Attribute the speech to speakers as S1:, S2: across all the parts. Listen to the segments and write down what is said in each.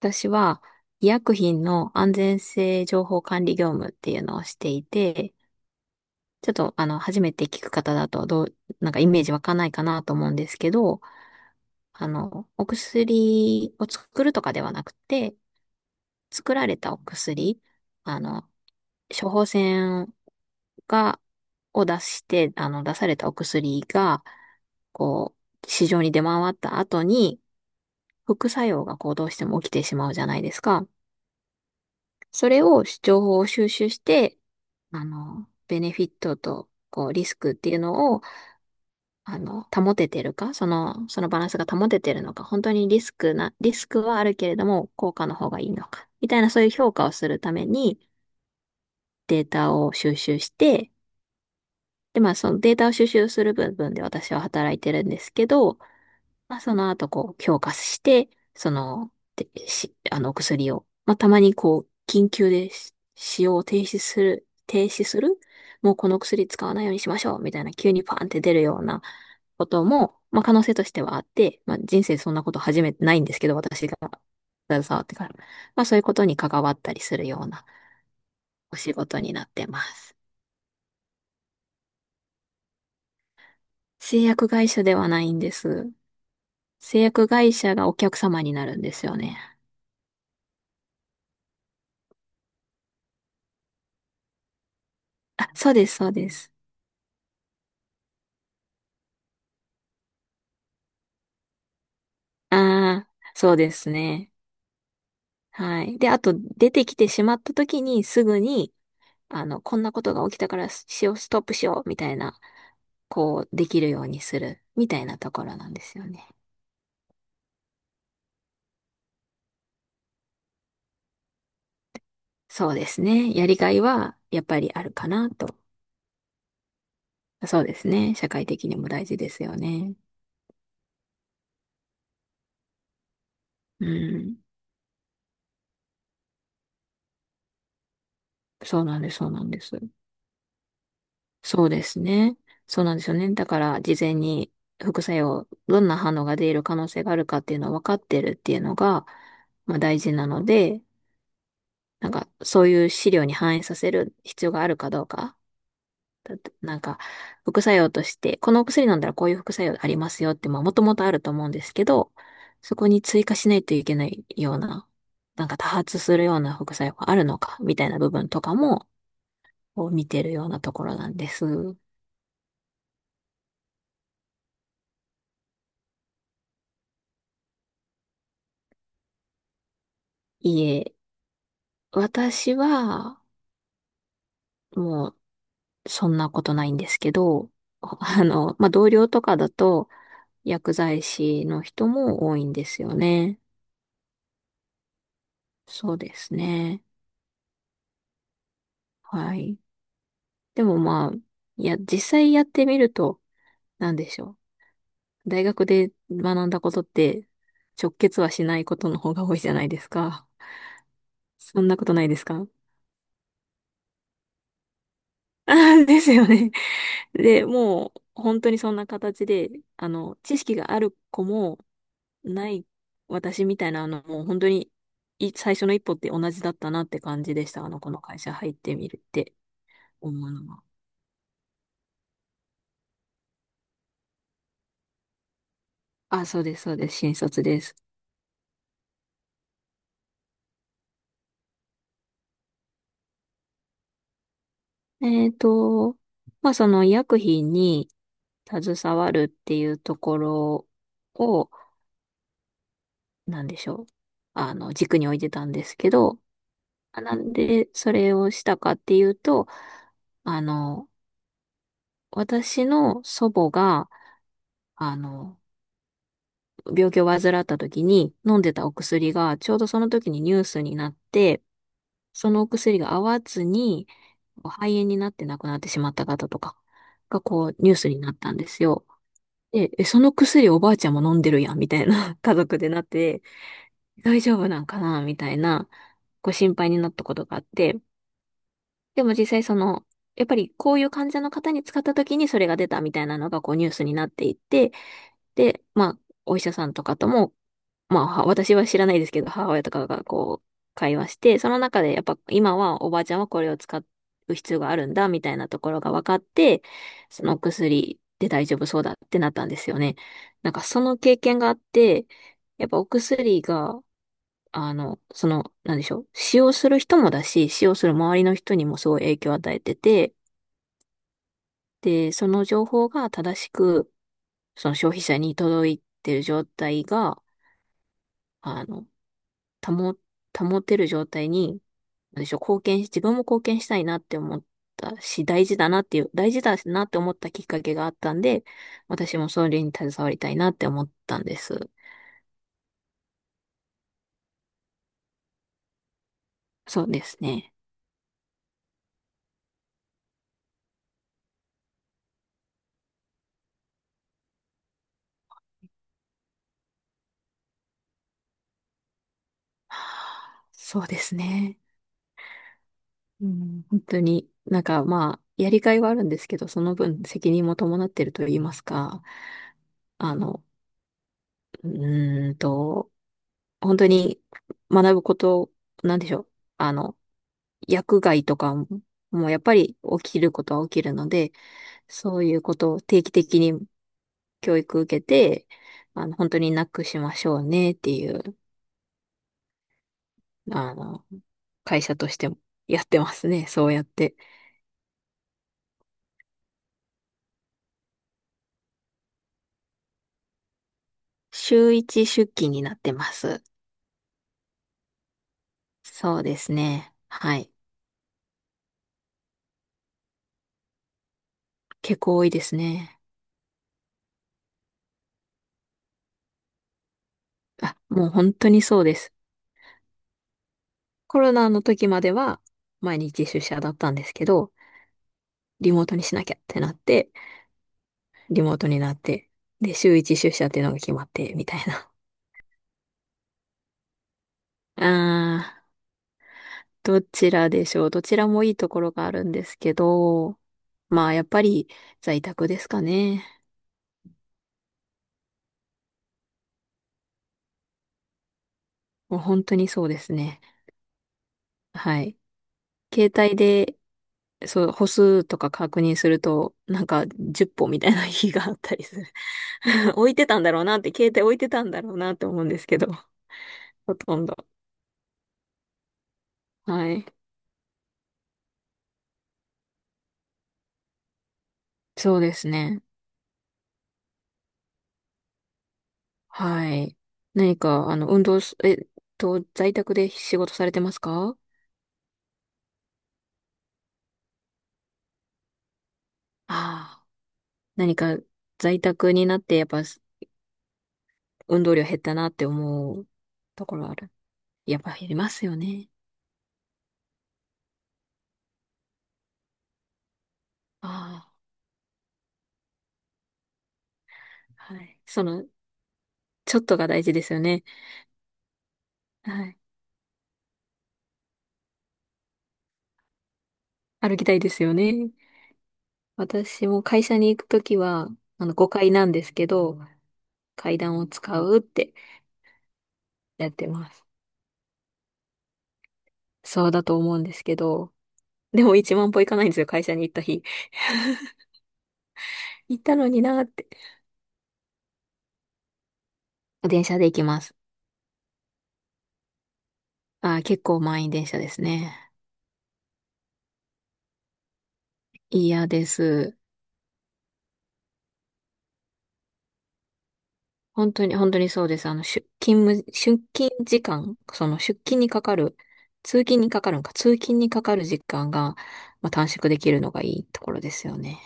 S1: 私は医薬品の安全性情報管理業務っていうのをしていて、ちょっと初めて聞く方だとなんかイメージ湧かんないかなと思うんですけど、お薬を作るとかではなくて、作られたお薬、あの、処方箋が、を出して、出されたお薬が、こう、市場に出回った後に、副作用がこうどうしても起きてしまうじゃないですか。それを情報を収集して、ベネフィットと、こう、リスクっていうのを、保ててるか、そのバランスが保ててるのか、本当にリスクはあるけれども、効果の方がいいのか、みたいなそういう評価をするために、データを収集して、で、まあ、そのデータを収集する部分で私は働いてるんですけど、まあ、その後、こう、強化して、その、で、し、あの、お薬を、まあ、たまに、こう、緊急で使用を停止する、もうこの薬使わないようにしましょう、みたいな、急にパーンって出るようなことも、まあ、可能性としてはあって、まあ、人生そんなこと初めてないんですけど、私が携わってから。まあ、そういうことに関わったりするようなお仕事になってます。製薬会社ではないんです。製薬会社がお客様になるんですよね。あ、そうです、そうです。ああ、そうですね。はい。で、あと、出てきてしまった時に、すぐに、こんなことが起きたから、しよう、ストップしよう、みたいな、こう、できるようにする、みたいなところなんですよね。そうですね。やりがいは、やっぱりあるかなと。そうですね。社会的にも大事ですよね。うん。そうなんです、そうなんです。そうですね。そうなんですよね。だから、事前に副作用、どんな反応が出る可能性があるかっていうのを分かってるっていうのが、まあ大事なので、なんか、そういう資料に反映させる必要があるかどうか。だってなんか、副作用として、このお薬飲んだらこういう副作用ありますよって、まあもともとあると思うんですけど、そこに追加しないといけないような、なんか多発するような副作用があるのか、みたいな部分とかも、こう見てるようなところなんです。いえ、私は、もう、そんなことないんですけど、まあ、同僚とかだと、薬剤師の人も多いんですよね。そうですね。はい。でもまあ、いや、実際やってみると、なんでしょう。大学で学んだことって、直結はしないことの方が多いじゃないですか。そんなことないですか あーですよね。で、もう、本当にそんな形で、知識がある子も、ない私みたいな、もう本当に、最初の一歩って同じだったなって感じでした。あの、この会社入ってみるって思うのは。あ、そうです、そうです。新卒です。えっと、まあ、その医薬品に携わるっていうところを、なんでしょう。あの、軸に置いてたんですけど、あなんでそれをしたかっていうと、あの、私の祖母が、あの、病気を患った時に飲んでたお薬がちょうどその時にニュースになって、そのお薬が合わずに肺炎になって亡くなってしまった方とかがこうニュースになったんですよ。で、え、その薬おばあちゃんも飲んでるやんみたいな 家族でなって、大丈夫なんかなみたいなご心配になったことがあって、でも実際その、やっぱりこういう患者の方に使った時にそれが出たみたいなのがこうニュースになっていって、で、まあ、お医者さんとかともは私は知らないですけど、母親とかがこう、会話して、その中でやっぱ今はおばあちゃんはこれを使う必要があるんだ、みたいなところが分かって、その薬で大丈夫そうだってなったんですよね。なんかその経験があって、やっぱお薬が、なんでしょう、使用する人もだし、使用する周りの人にもすごい影響を与えてて、で、その情報が正しく、その消費者に届いてる状態が、あの、保、保てる状態に、なんでしょう、貢献し、自分も貢献したいなって思ったし、大事だなって思ったきっかけがあったんで、私もそれに携わりたいなって思ったんです。そうですね。そうですね。うん、本当になんかまあ、やりがいはあるんですけど、その分責任も伴ってると言いますか、あの、うーんと、本当に学ぶこと、なんでしょう、あの、薬害とかも、もうやっぱり起きることは起きるので、そういうことを定期的に教育受けて、本当になくしましょうねっていう、あの、会社としてもやってますね。そうやって。週一出勤になってます。そうですね。はい。結構多いですね。あ、もう本当にそうです。コロナの時までは毎日出社だったんですけど、リモートにしなきゃってなって、リモートになって、で、週一出社っていうのが決まって、みたいな。あー、どちらでしょう。どちらもいいところがあるんですけど、まあ、やっぱり在宅ですかね。もう本当にそうですね。はい。携帯で、そう、歩数とか確認すると、なんか10歩みたいな日があったりする。置いてたんだろうなって、携帯置いてたんだろうなって思うんですけど、ほとんど。はい。そうですね。はい。何か、あの、運動す、えっと、在宅で仕事されてますか？ああ、何か、在宅になって、やっぱ、運動量減ったなって思うところある。やっぱ減りますよね。ああ。はい。その、ちょっとが大事ですよね。はい。歩きたいですよね。私も会社に行くときは、あの、5階なんですけど、階段を使うってやってます。そうだと思うんですけど、でも1万歩行かないんですよ、会社に行った日。行ったのになって。電車で行きます。あー、結構満員電車ですね。嫌です。本当に、本当にそうです。出勤時間、その出勤にかかる、通勤にかかる時間が、まあ、短縮できるのがいいところですよね。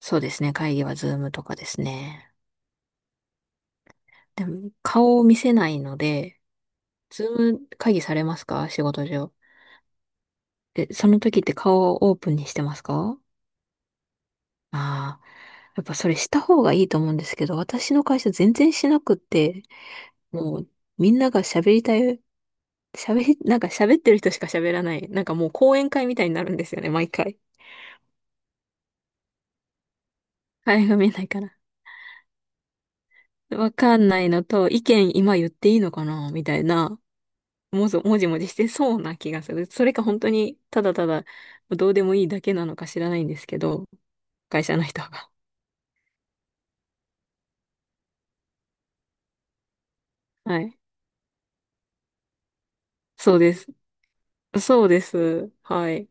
S1: そうですね。会議はズームとかですね。でも、顔を見せないので、ズーム会議されますか？仕事上。で、その時って顔をオープンにしてますか？ああ、やっぱそれした方がいいと思うんですけど、私の会社全然しなくって、もうみんなが喋りたい、喋り、なんか喋ってる人しか喋らない。なんかもう講演会みたいになるんですよね、毎回。あれが見えないから。わかんないのと、意見今言っていいのかなみたいな、もじもじしてそうな気がする。それか本当に、ただただ、どうでもいいだけなのか知らないんですけど、会社の人が。はい。そうです。そうです。はい。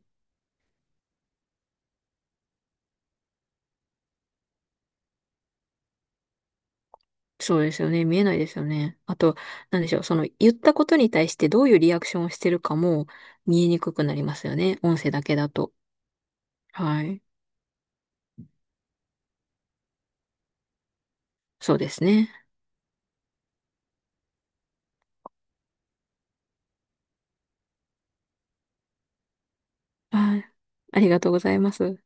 S1: そうですよね。見えないですよね。あと、なんでしょう。その言ったことに対してどういうリアクションをしてるかも見えにくくなりますよね。音声だけだと。はい。そうですね。はい。ありがとうございます。